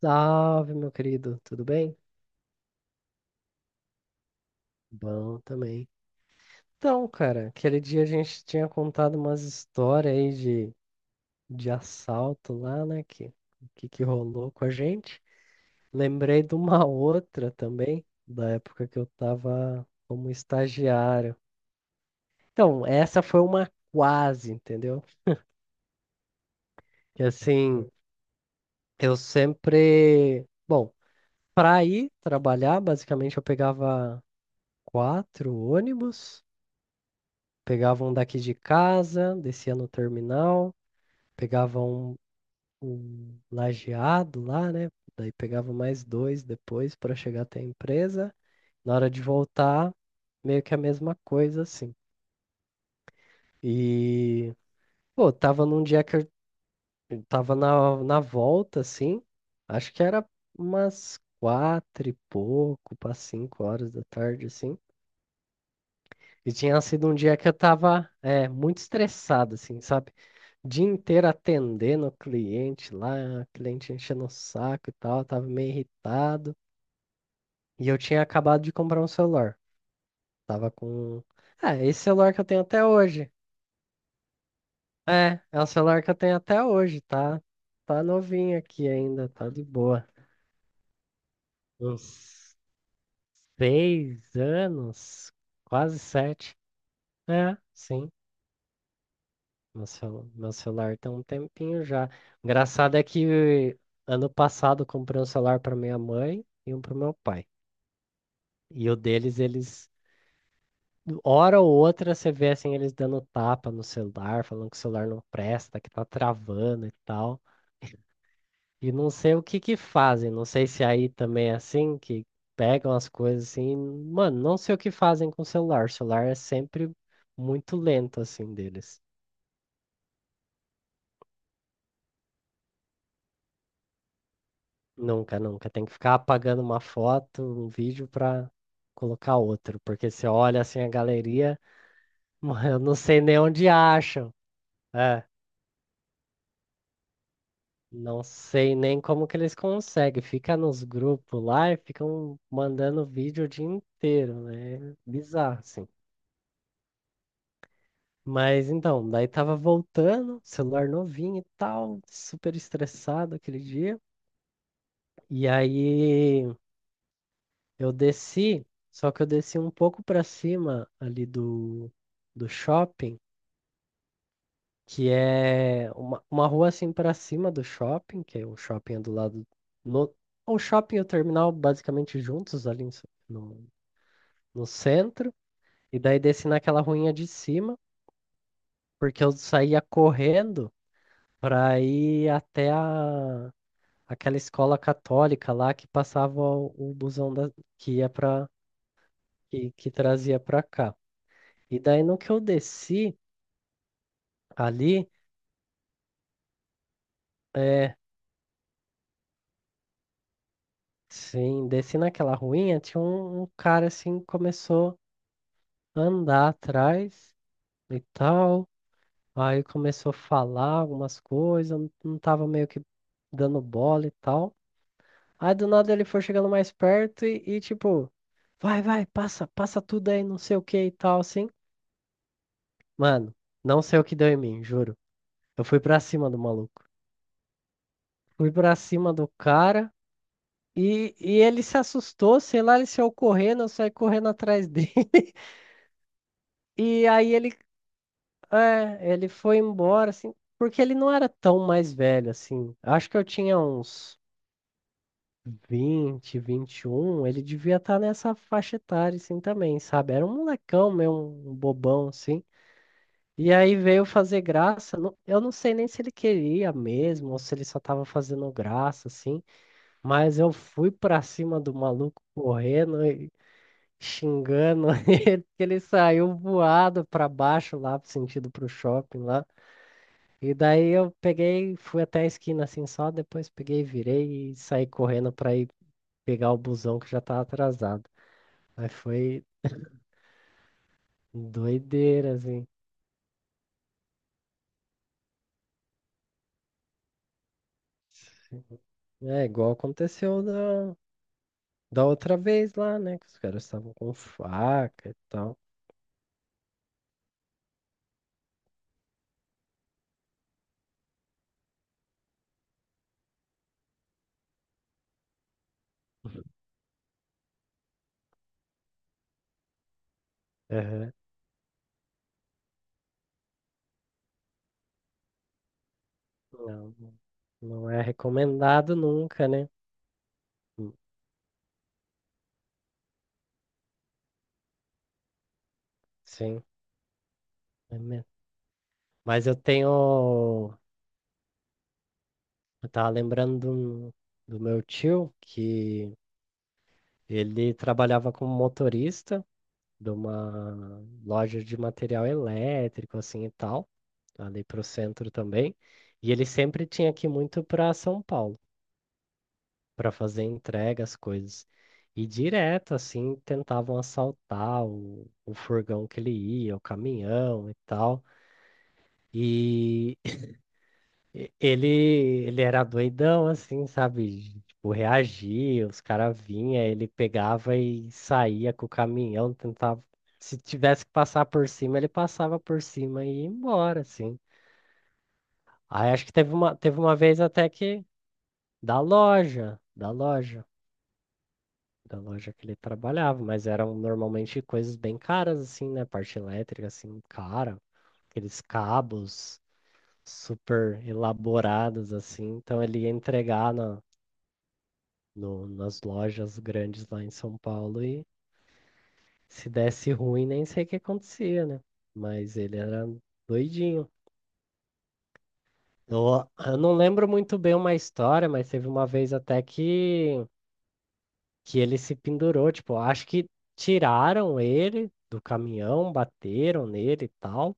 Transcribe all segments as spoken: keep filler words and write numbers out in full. Salve, meu querido, tudo bem? Bom também. Então, cara, aquele dia a gente tinha contado umas histórias aí de, de assalto lá, né? Que, que, que rolou com a gente. Lembrei de uma outra também, da época que eu tava como estagiário. Então, essa foi uma quase, entendeu? Que assim, eu sempre. Bom, pra ir trabalhar, basicamente eu pegava quatro ônibus. Pegava um daqui de casa, descia no terminal, pegava um, um lajeado lá, né? Daí pegava mais dois depois para chegar até a empresa. Na hora de voltar, meio que a mesma coisa, assim. E, pô, tava num dia que eu eu tava na, na volta, assim, acho que era umas quatro e pouco para cinco horas da tarde, assim. E tinha sido um dia que eu tava, é, muito estressado, assim, sabe? Dia inteiro atendendo o cliente lá, o cliente enchendo o saco e tal, tava meio irritado. E eu tinha acabado de comprar um celular. Tava com. Ah, esse celular que eu tenho até hoje. É, é o celular que eu tenho até hoje, tá? Tá novinho aqui ainda, tá de boa. Uns seis anos, quase sete. É, sim. Meu celu- meu celular tem um tempinho já. Engraçado é que ano passado eu comprei um celular para minha mãe e um para meu pai. E o deles, eles, hora ou outra, você vê assim, eles dando tapa no celular, falando que o celular não presta, que tá travando e tal. E não sei o que que fazem, não sei se aí também é assim, que pegam as coisas assim, mano, não sei o que fazem com o celular. O celular é sempre muito lento assim deles. Nunca, nunca. Tem que ficar apagando uma foto, um vídeo pra colocar outro, porque você olha assim a galeria, mano, eu não sei nem onde acham. É. Não sei nem como que eles conseguem. Fica nos grupos lá e ficam mandando vídeo o dia inteiro, né? Bizarro, assim. Mas então, daí tava voltando, celular novinho e tal, super estressado aquele dia. E aí eu desci, só que eu desci um pouco pra cima ali do, do shopping. Que é uma, uma rua assim para cima do shopping, que é o shopping é do lado no, o shopping e o terminal basicamente juntos ali em São- no, no centro, e daí desci naquela ruinha de cima, porque eu saía correndo para ir até a, aquela escola católica lá que passava o, o busão da, que ia para que, que trazia para cá. E daí no que eu desci ali, é, sim, desci naquela ruinha, tinha um, um cara assim, começou andar atrás e tal. Aí começou a falar algumas coisas, eu não não tava meio que dando bola e tal. Aí do nada ele foi chegando mais perto e, e, tipo, vai, vai, passa, passa tudo aí, não sei o que e tal, assim. Mano, não sei o que deu em mim, juro. Eu fui pra cima do maluco. Fui pra cima do cara e, e ele se assustou, sei lá, ele saiu correndo, eu saí correndo atrás dele. E aí ele É, ele foi embora, assim, porque ele não era tão mais velho, assim. Acho que eu tinha uns vinte, vinte e um. Ele devia estar nessa faixa etária, assim, também, sabe? Era um molecão, meio um bobão, assim. E aí veio fazer graça. não- Eu não sei nem se ele queria mesmo, ou se ele só tava fazendo graça, assim. Mas eu fui pra cima do maluco correndo e xingando ele, que ele saiu voado pra baixo lá, sentido pro shopping. E daí eu peguei, fui até a esquina assim só, depois peguei, virei e saí correndo pra ir pegar o busão que já tava atrasado. Aí foi doideira, assim. É igual aconteceu da, da outra vez lá, né? Que os caras estavam com faca e tal. Aham. Não, não é recomendado nunca, né? Hum, sim, é mesmo. Mas eu tenho. Eu tava lembrando do, do meu tio que ele trabalhava como motorista de uma loja de material elétrico, assim e tal, ali para o centro também. E ele sempre tinha que ir muito para São Paulo para fazer entrega, as coisas. E direto, assim, tentavam assaltar o, o furgão que ele ia, o caminhão e tal. E Ele, ele era doidão, assim, sabe? De, Tipo, reagia, os caras vinham, ele pegava e saía com o caminhão, tentava. Se tivesse que passar por cima, ele passava por cima e ia embora, assim. Aí acho que teve uma, teve uma vez até que da loja, da loja, da loja que ele trabalhava, mas eram normalmente coisas bem caras, assim, né? Parte elétrica, assim, cara, aqueles cabos super elaborados, assim. Então ele ia entregar na no- nas lojas grandes lá em São Paulo e se desse ruim, nem sei o que acontecia, né? Mas ele era doidinho. Eu, eu não lembro muito bem uma história, mas teve uma vez até que, que ele se pendurou. Tipo, acho que tiraram ele do caminhão, bateram nele e tal.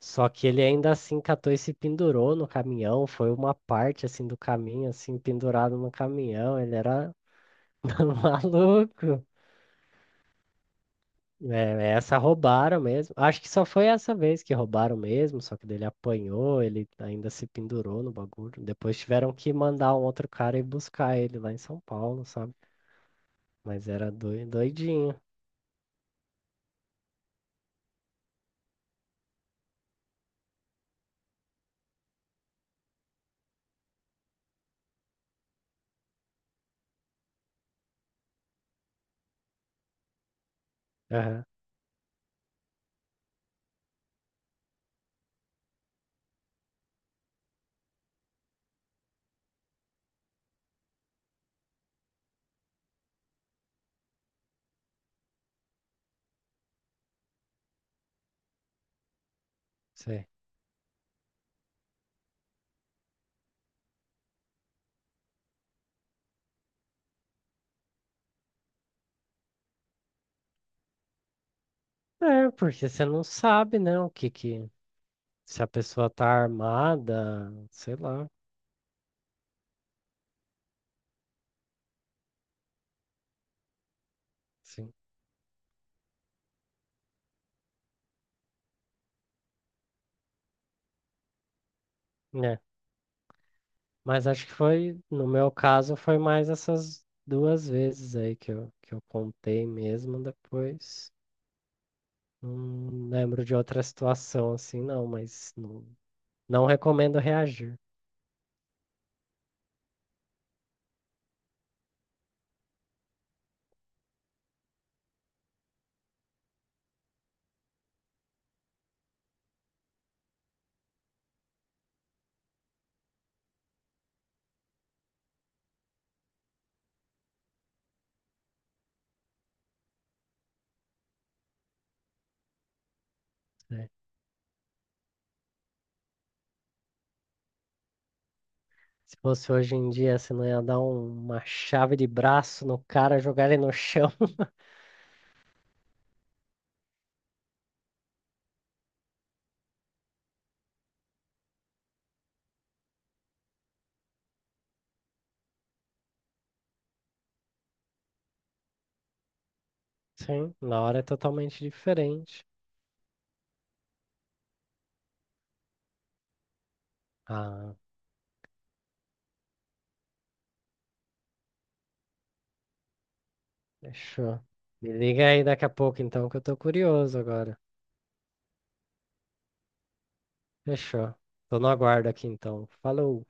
Só que ele ainda assim catou e se pendurou no caminhão. Foi uma parte assim do caminho, assim, pendurado no caminhão. Ele era maluco. É, essa roubaram mesmo. Acho que só foi essa vez que roubaram mesmo, só que dele apanhou, ele ainda se pendurou no bagulho. Depois tiveram que mandar um outro cara ir buscar ele lá em São Paulo, sabe? Mas era doi- doidinho. Aham, sei. É, porque você não sabe, né, o que que. Se a pessoa tá armada, sei lá, sim. É, mas acho que foi, no meu caso, foi mais essas duas vezes aí que eu, que eu, contei mesmo depois. Hum, lembro de outra situação assim, não, mas não, não recomendo reagir. Né? Se fosse hoje em dia, você não ia dar um- uma chave de braço no cara, jogar ele no chão. Sim, na hora é totalmente diferente. Ah, fechou. Me liga aí daqui a pouco então, que eu tô curioso agora. Fechou. Tô no aguardo aqui então. Falou.